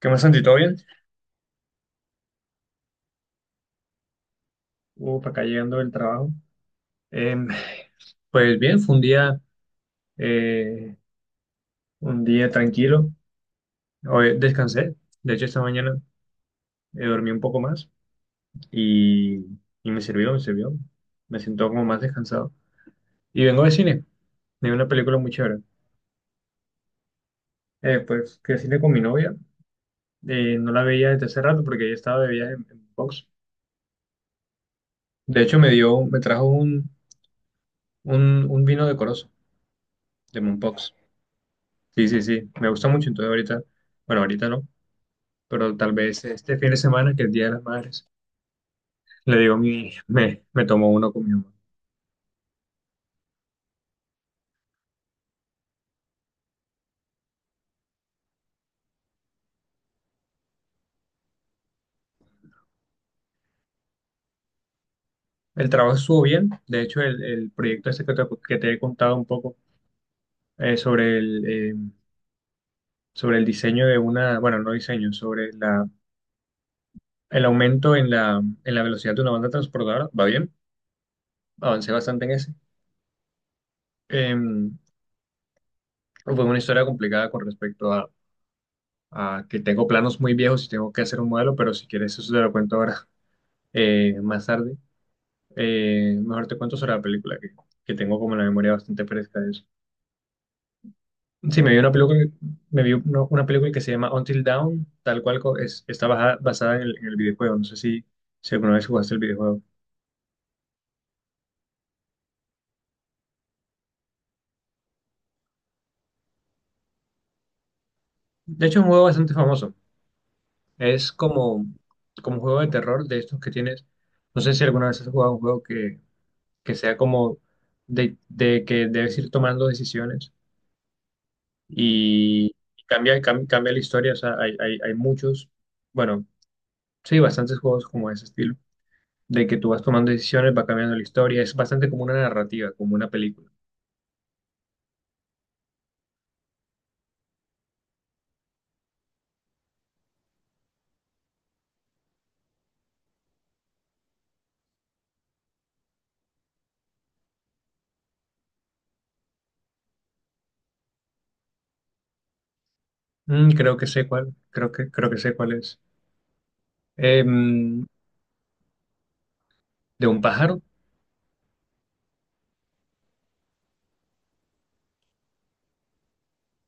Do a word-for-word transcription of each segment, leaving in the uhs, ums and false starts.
¿Qué más, Santi? ¿Todo bien? Uf, acá llegando del trabajo. Em, pues bien, fue un día, eh, un día tranquilo. Hoy descansé. De hecho, esta mañana eh, dormí un poco más y, y me sirvió, me sirvió. Me siento como más descansado. Y vengo de cine. Vi una película muy chévere. Eh, pues fui al cine con mi novia. Eh, no la veía desde hace rato porque ella estaba de viaje en, en Pox. De hecho, me dio, me trajo un, un, un vino decoroso de Mompox. Sí, sí, sí. Me gusta mucho. Entonces ahorita, bueno, ahorita no. pero tal vez este fin de semana, que es el Día de las Madres, le digo a mi, me, me tomo uno con mi mamá. El trabajo estuvo bien. De hecho, el, el proyecto este que te, que te he contado un poco eh, sobre el, eh, sobre el diseño de una, bueno, no diseño, sobre la, el aumento en la, en la velocidad de una banda transportadora, va bien, avancé bastante en ese. Em, Fue una historia complicada con respecto a, a que tengo planos muy viejos y tengo que hacer un modelo, pero si quieres eso te lo cuento ahora, eh, más tarde. Eh, mejor te cuento sobre la película, que, que tengo como la memoria bastante fresca de eso. Sí, me vi una película, me vi una, una película que se llama Until Dawn, tal cual. Co- es, está baja- basada en el, en el videojuego. No sé si, si alguna vez jugaste el videojuego. De hecho, es un juego bastante famoso. Es como, como un juego de terror de estos que tienes. No sé si alguna vez has jugado un juego que, que sea como de, de que debes ir tomando decisiones y cambia, cam- cambia, la historia. O sea, hay, hay, hay muchos. Bueno, sí, bastantes juegos como ese estilo, de que tú vas tomando decisiones, va cambiando la historia, es bastante como una narrativa, como una película. Mm, creo que sé cuál, creo que, creo que sé cuál es. Em, ¿De un pájaro?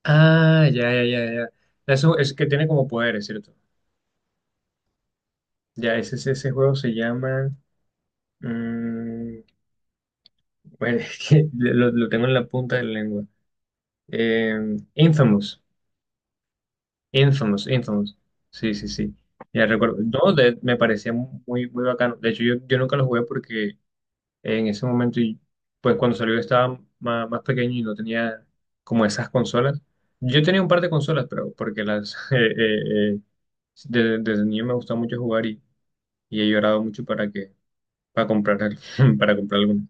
Ah, ya, ya, ya, ya. Eso es que tiene como poderes, ¿cierto? Ya, ese, ese ese juego se llama... mm, bueno, es que lo, lo tengo en la punta de la lengua. Em, Infamous, Infamous, Infamous. Sí, sí, sí. Ya recuerdo. No, de- me parecía muy, muy bacano. De hecho, yo, yo nunca lo jugué porque... en ese momento, y pues cuando salió yo estaba ma- más pequeño y no tenía como esas consolas. Yo tenía un par de consolas, pero porque las eh, eh, eh, desde, desde niño me gustaba mucho jugar y, y he llorado mucho para que para comprar al- para comprar alguna.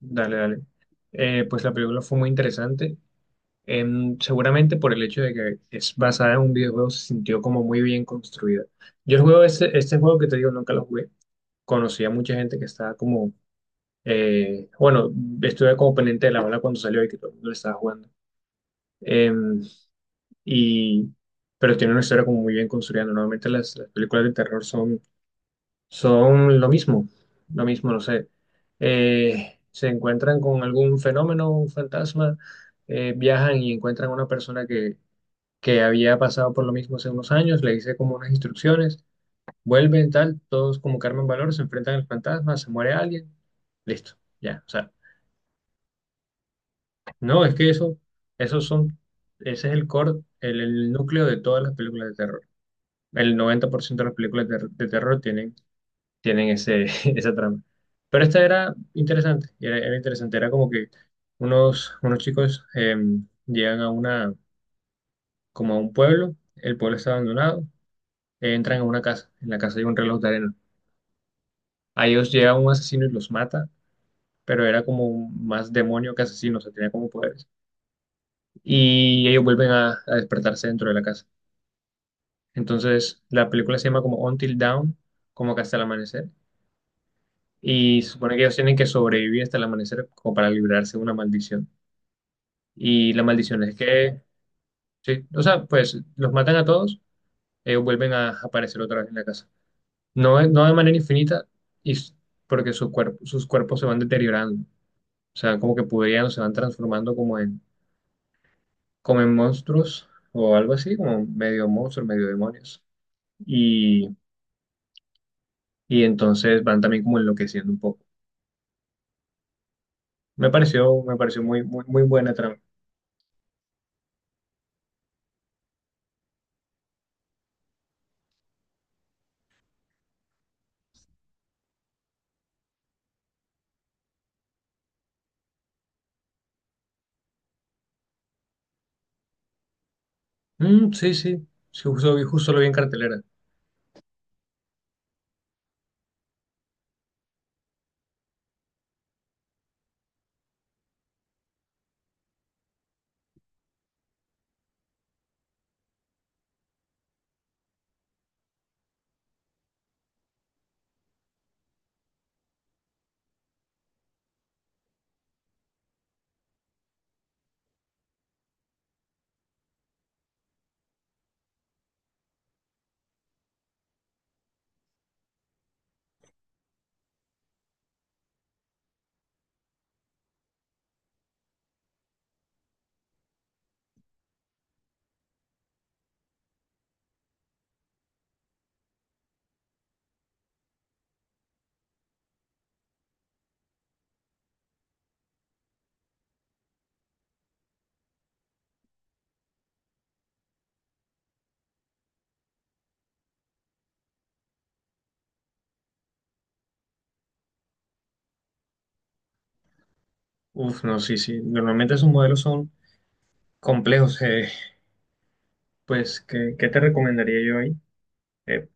Dale, dale. Eh, pues la película fue muy interesante. Em, seguramente por el hecho de que es basada en un videojuego, se sintió como muy bien construida. Yo el juego, ese, este juego que te digo, nunca lo jugué. Conocí a mucha gente que estaba como Eh, bueno, estuve como pendiente de la ola cuando salió y que todo el mundo le estaba jugando. Eh, y, pero tiene una historia como muy bien construida, ¿no? Normalmente las, las películas de terror son, son lo mismo, lo mismo, no sé. Eh, se encuentran con algún fenómeno, un fantasma, eh, viajan y encuentran a una persona que, que había pasado por lo mismo hace unos años, le dice como unas instrucciones, vuelven, tal, todos como carmen valor, se enfrentan al fantasma, se muere alguien, listo, ya, o sea. No, es que eso, esos son, ese es el core, el, el núcleo de todas las películas de terror. El noventa por ciento de las películas de, de terror tienen, tienen ese, esa trama. Pero esta era interesante, era, era interesante, era como que unos, unos chicos eh, llegan a una, como a un pueblo, el pueblo está abandonado, entran a una casa, en la casa hay un reloj de arena. A ellos llega un asesino y los mata, pero era como un- más demonio que asesino, o sea, tenía como poderes. Y ellos vuelven a a despertarse dentro de la casa. Entonces, la película se llama como Until Dawn, como que hasta el amanecer. Y se supone que ellos tienen que sobrevivir hasta el amanecer como para librarse de una maldición. Y la maldición es que, sí, o sea, pues los matan a todos, ellos vuelven a aparecer otra vez en la casa. No, es- no de manera infinita, y, s- porque su cuerp- sus cuerpos se van deteriorando. O sea, como que podrían, se van transformando como en, como en monstruos o algo así, como medio monstruos, medio demonios. Y, y entonces van también como enloqueciendo un poco. Me pareció, me pareció muy, muy, muy buena trama. Mm, sí, sí, sí, justo, vi- justo lo vi en cartelera. Uf, no, sí, sí. Normalmente esos modelos son complejos. eh, pues, ¿qué, qué te recomendaría yo ahí? Eh,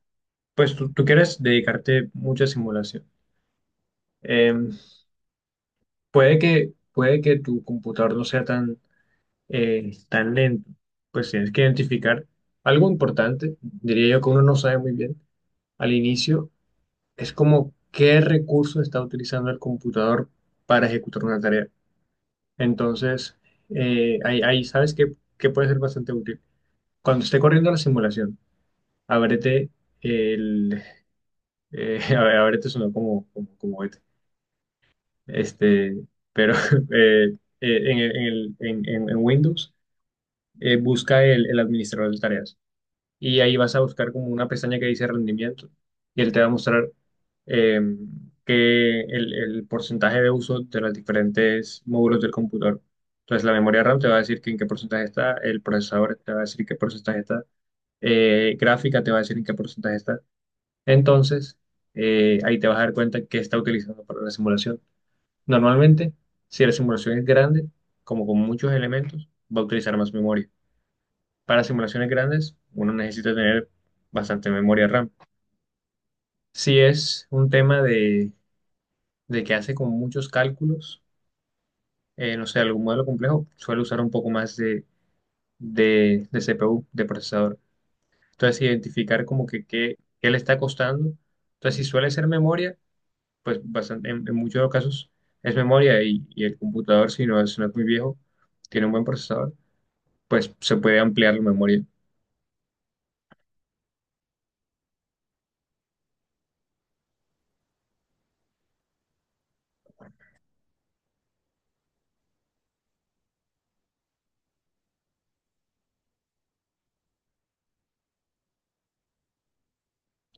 pues tú, tú quieres dedicarte mucha simulación. Eh, puede que, puede que tu computador no sea tan, eh, tan lento. Pues tienes que identificar algo importante, diría yo que uno no sabe muy bien. Al inicio, es como qué recurso está utilizando el computador para ejecutar una tarea. Entonces, eh, ahí, ahí sabes que, que puede ser bastante útil. Cuando esté corriendo la simulación, ábrete el... eh, a ver, ábrete sonó como, como, como beta. Este, pero eh, eh, en, el- en, el- en, en- en Windows, eh, busca el, el administrador de tareas. Y ahí vas a buscar como una pestaña que dice rendimiento y él te va a mostrar eh, que el, el porcentaje de uso de los diferentes módulos del computador. Entonces la memoria RAM te va a decir que en qué porcentaje está, el procesador te va a decir qué porcentaje está, eh, gráfica te va a decir en qué porcentaje está. Entonces eh, ahí te vas a dar cuenta qué está utilizando para la simulación. Normalmente, si la simulación es grande, como con muchos elementos, va a utilizar más memoria. Para simulaciones grandes uno necesita tener bastante memoria RAM. Si es un tema de, de que hace con muchos cálculos, eh, no sé, algún modelo complejo suele usar un poco más de, de, de C P U, de procesador. Entonces, sí, identificar como que qué, qué le está costando. Entonces, si suele ser memoria, pues bastante, en, en muchos de los casos es memoria y, y el computador, si no, es- si no es muy viejo, tiene un buen procesador, pues se puede ampliar la memoria.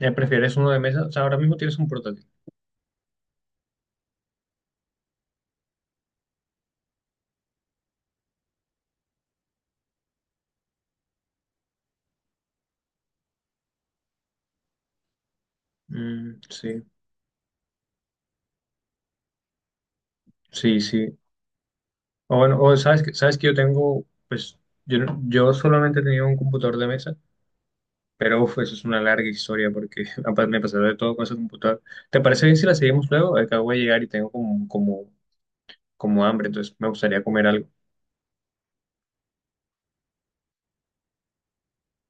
Eh, ¿Prefieres uno de mesa? O sea, ahora mismo tienes un portátil. Mm, sí. Sí, sí. O bueno, o sabes que, sabes que yo tengo, pues, yo, no- yo solamente tenía un computador de mesa, pero uf, eso es una larga historia porque apa- me pasó de todo con ese computador. ¿Te parece bien si la seguimos luego? Acabo de llegar y tengo como, como, como hambre, entonces me gustaría comer algo.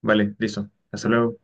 Vale, listo. Hasta luego.